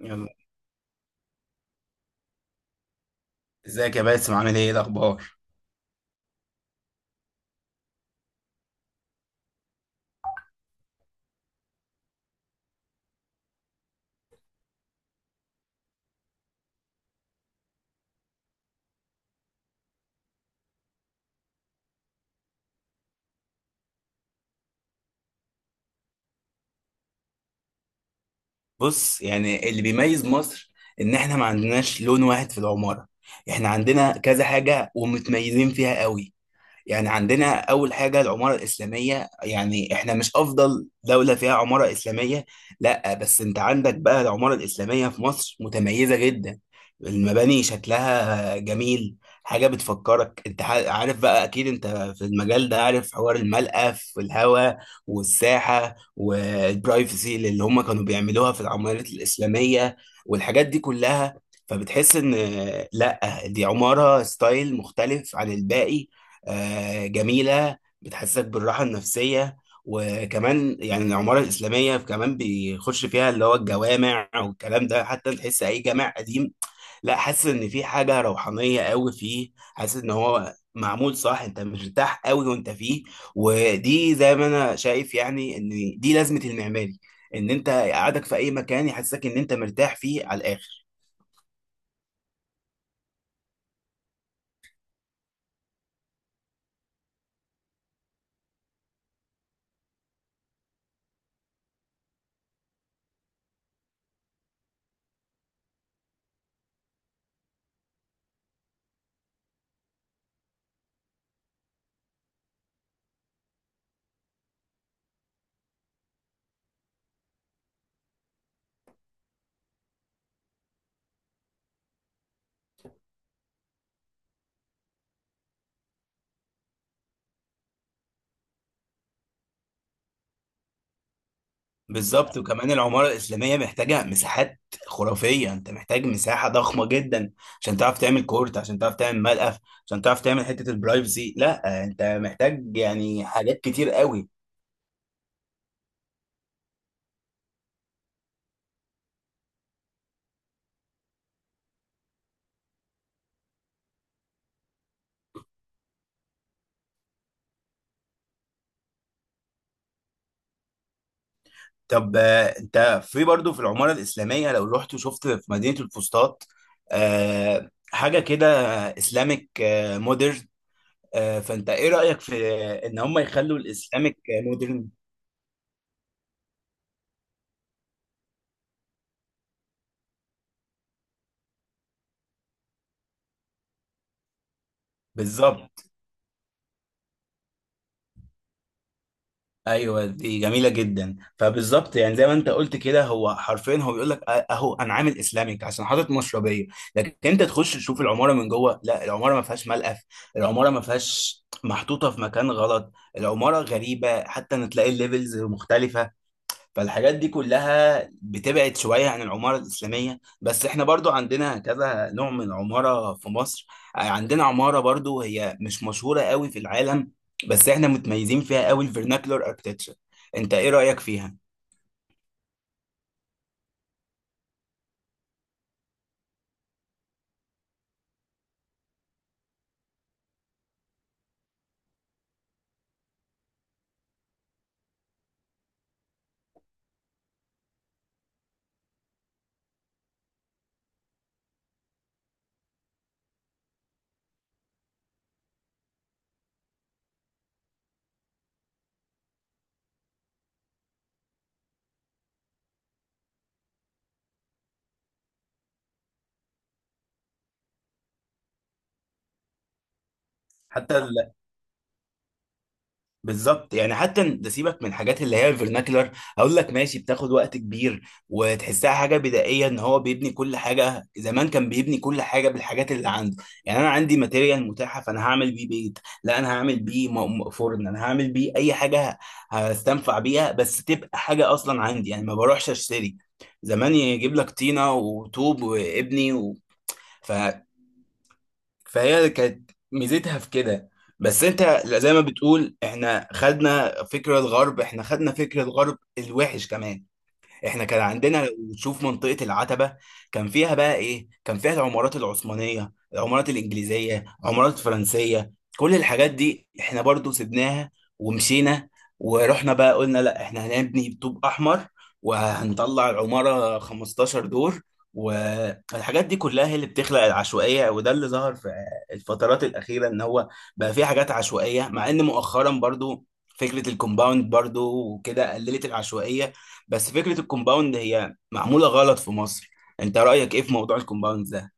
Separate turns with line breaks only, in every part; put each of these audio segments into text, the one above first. يلا. ازيك يا باسم؟ عامل ايه؟ إيه الاخبار؟ بص، يعني اللي بيميز مصر ان احنا ما عندناش لون واحد في العمارة. احنا عندنا كذا حاجة ومتميزين فيها قوي. يعني عندنا أول حاجة العمارة الإسلامية، يعني إحنا مش أفضل دولة فيها عمارة إسلامية، لأ، بس أنت عندك بقى العمارة الإسلامية في مصر متميزة جدا. المباني شكلها جميل، حاجة بتفكرك. أنت عارف بقى، أكيد أنت في المجال ده، عارف حوار الملقى في الهواء والساحة والبرايفسي اللي هم كانوا بيعملوها في العمارات الإسلامية والحاجات دي كلها. فبتحس ان لا، دي عمارة ستايل مختلف عن الباقي، جميلة، بتحسسك بالراحة النفسية. وكمان يعني العمارة الإسلامية كمان بيخش فيها اللي هو الجوامع والكلام ده. حتى تحس أي جامع قديم، لا، حاسس إن في حاجة روحانية قوي فيه، حاسس إن هو معمول صح، أنت مرتاح قوي وأنت فيه. ودي زي ما أنا شايف يعني، إن دي لازمة المعماري، إن أنت قعدك في أي مكان يحسسك إن أنت مرتاح فيه على الآخر. بالظبط. وكمان العمارة الإسلامية محتاجة مساحات خرافية، أنت محتاج مساحة ضخمة جدا عشان تعرف تعمل كورت، عشان تعرف تعمل ملقف، عشان تعرف تعمل حتة البرايفسي. لا، أنت محتاج يعني حاجات كتير قوي. طب أنت في برضو في العمارة الإسلامية لو رحت وشفت في مدينة الفسطاط حاجة كده، إسلامك مودرن، فأنت إيه رأيك في إن هم يخلوا الإسلامك مودرن؟ بالظبط. ايوه دي جميله جدا. فبالظبط يعني زي ما انت قلت كده، هو حرفيا بيقول لك اهو انا عامل اسلامك عشان حاطط مشربيه، لكن انت تخش تشوف العماره من جوه، لا، العماره ما فيهاش ملقف، العماره ما فيهاش محطوطه في مكان غلط، العماره غريبه، حتى ان تلاقي الليفلز مختلفه. فالحاجات دي كلها بتبعد شوية عن العمارة الإسلامية. بس إحنا برضو عندنا كذا نوع من العمارة في مصر. عندنا عمارة برضو هي مش مشهورة قوي في العالم، بس إحنا متميزين فيها قوي، الفيرناكلر اركتكتشر. أنت إيه رأيك فيها؟ حتى بالظبط، يعني حتى ده سيبك من الحاجات اللي هي الفرناكلر، هقول لك ماشي، بتاخد وقت كبير وتحسها حاجه بدائيه، ان هو بيبني كل حاجه. زمان كان بيبني كل حاجه بالحاجات اللي عنده، يعني انا عندي ماتيريال متاحه، فانا هعمل بيه بيت، لا، انا هعمل بيه فرن، انا هعمل بيه اي حاجه هستنفع بيها، بس تبقى حاجه اصلا عندي، يعني ما بروحش اشتري. زمان يجيب لك طينه وطوب وابني فهي كانت ميزتها في كده. بس انت زي ما بتقول، احنا خدنا فكرة الغرب، احنا خدنا فكرة الغرب الوحش كمان. احنا كان عندنا، لو تشوف منطقة العتبة، كان فيها بقى ايه؟ كان فيها العمارات العثمانية، العمارات الإنجليزية، العمارات الفرنسية، كل الحاجات دي احنا برضو سيبناها ومشينا، ورحنا بقى قلنا لا، احنا هنبني طوب أحمر وهنطلع العمارة 15 دور. والحاجات دي كلها هي اللي بتخلق العشوائية، وده اللي ظهر في الفترات الأخيرة، إن هو بقى في حاجات عشوائية. مع إن مؤخرا برضو فكرة الكومباوند برضو وكده قللت العشوائية، بس فكرة الكومباوند هي معمولة غلط في مصر. انت رأيك ايه في موضوع الكومباوند ده؟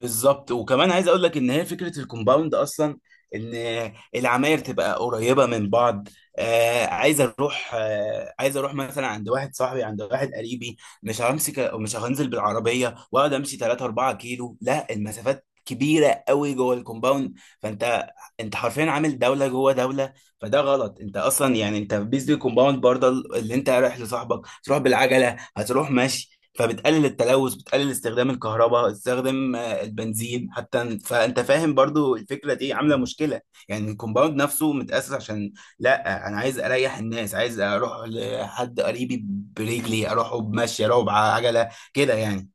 بالظبط. وكمان عايز اقول لك ان هي فكره الكومباوند اصلا ان العماير تبقى قريبه من بعض. آه، عايز اروح، آه، عايز اروح مثلا عند واحد صاحبي، عند واحد قريبي، مش همسك، مش هنزل بالعربيه واقعد امشي 3 4 كيلو. لا، المسافات كبيره قوي جوه الكومباوند. فانت انت حرفيا عامل دوله جوه دوله. فده غلط، انت اصلا يعني انت بيز دي كومباوند برضه اللي انت رايح لصاحبك تروح بالعجله، هتروح ماشي، فبتقلل التلوث، بتقلل استخدام الكهرباء، استخدام البنزين حتى. فانت فاهم برضو الفكره دي عامله مشكله. يعني الكومباوند نفسه متاسس عشان، لا، انا عايز اريح الناس، عايز اروح لحد قريبي برجلي، اروحه بمشي، اروحه بعجله كده يعني.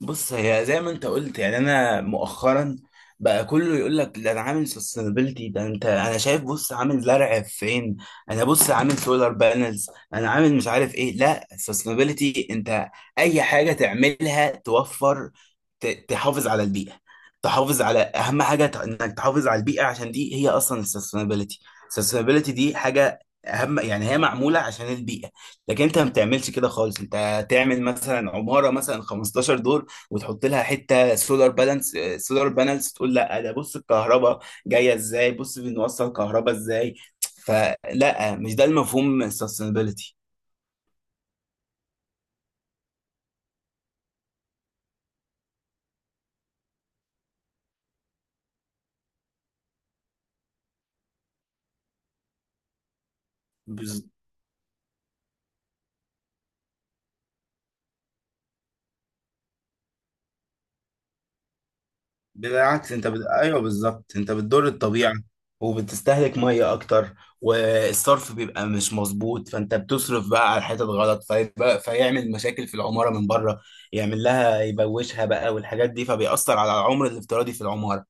بص، هي زي ما انت قلت، يعني انا مؤخرا بقى كله يقول لك ده انا عامل سستينابيلتي، ده انت انا شايف، بص عامل زرع فين، انا بص عامل سولار بانلز، انا عامل مش عارف ايه. لا، السستينابيلتي انت اي حاجه تعملها توفر، تحافظ على البيئه، تحافظ على اهم حاجه، انك تحافظ على البيئه، عشان دي هي اصلا السستينابيلتي. السستينابيلتي دي حاجه اهم، يعني هي معموله عشان البيئه. لكن انت ما بتعملش كده خالص، انت تعمل مثلا عماره مثلا 15 دور وتحط لها حته سولار بالانس، سولار بانلز، تقول لا ده بص الكهرباء جايه ازاي، بص بنوصل كهرباء ازاي، فلا، مش ده المفهوم sustainability. بز- بالعكس انت ايوه بالظبط، انت بتضر الطبيعه وبتستهلك ميه اكتر، والصرف بيبقى مش مظبوط، فانت بتصرف بقى على الحتت غلط، فيبقى فيعمل مشاكل في العماره من بره، يعمل لها يبوشها بقى والحاجات دي، فبيأثر على العمر الافتراضي في العماره.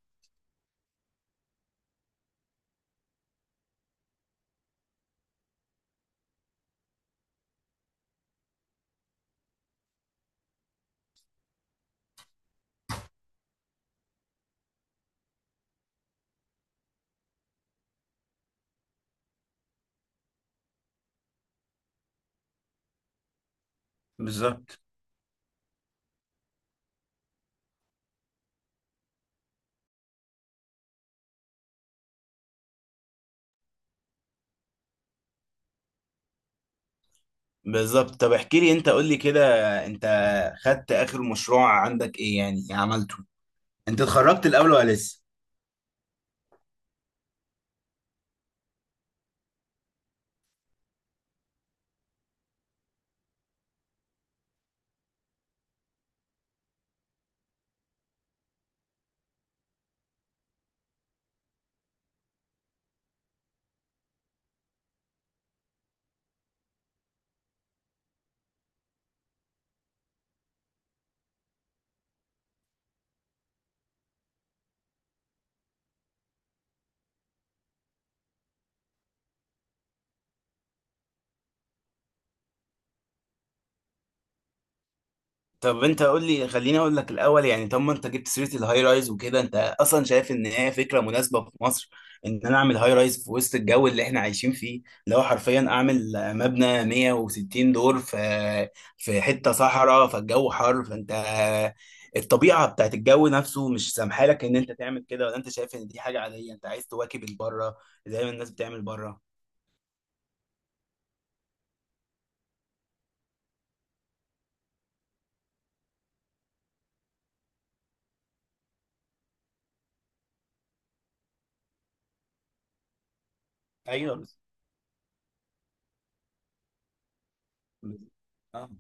بالظبط. بالظبط. طب احكي لي، انت قول لي كده، انت خدت اخر مشروع عندك ايه يعني عملته؟ انت اتخرجت الاول ولا لسه؟ طب انت قول لي، خليني اقول لك الاول يعني. طب ما انت جبت سيره الهاي رايز وكده، انت اصلا شايف ان هي فكره مناسبه في مصر، ان انا اعمل هاي رايز في وسط الجو اللي احنا عايشين فيه، اللي هو حرفيا اعمل مبنى 160 دور في حته صحراء، فالجو حر، فانت الطبيعه بتاعت الجو نفسه مش سامحه لك ان انت تعمل كده؟ ولا انت شايف ان دي حاجه عاديه، انت عايز تواكب البره زي ما الناس بتعمل بره؟ ايوه بس- اه.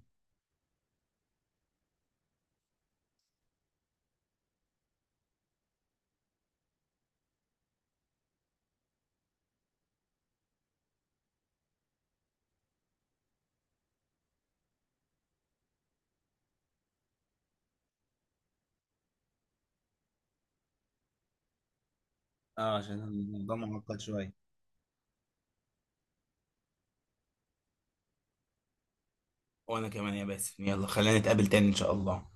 اه، عشان الموضوع معقد شويه. وانا كمان يا باسم، يلا خلينا نتقابل تاني ان شاء الله.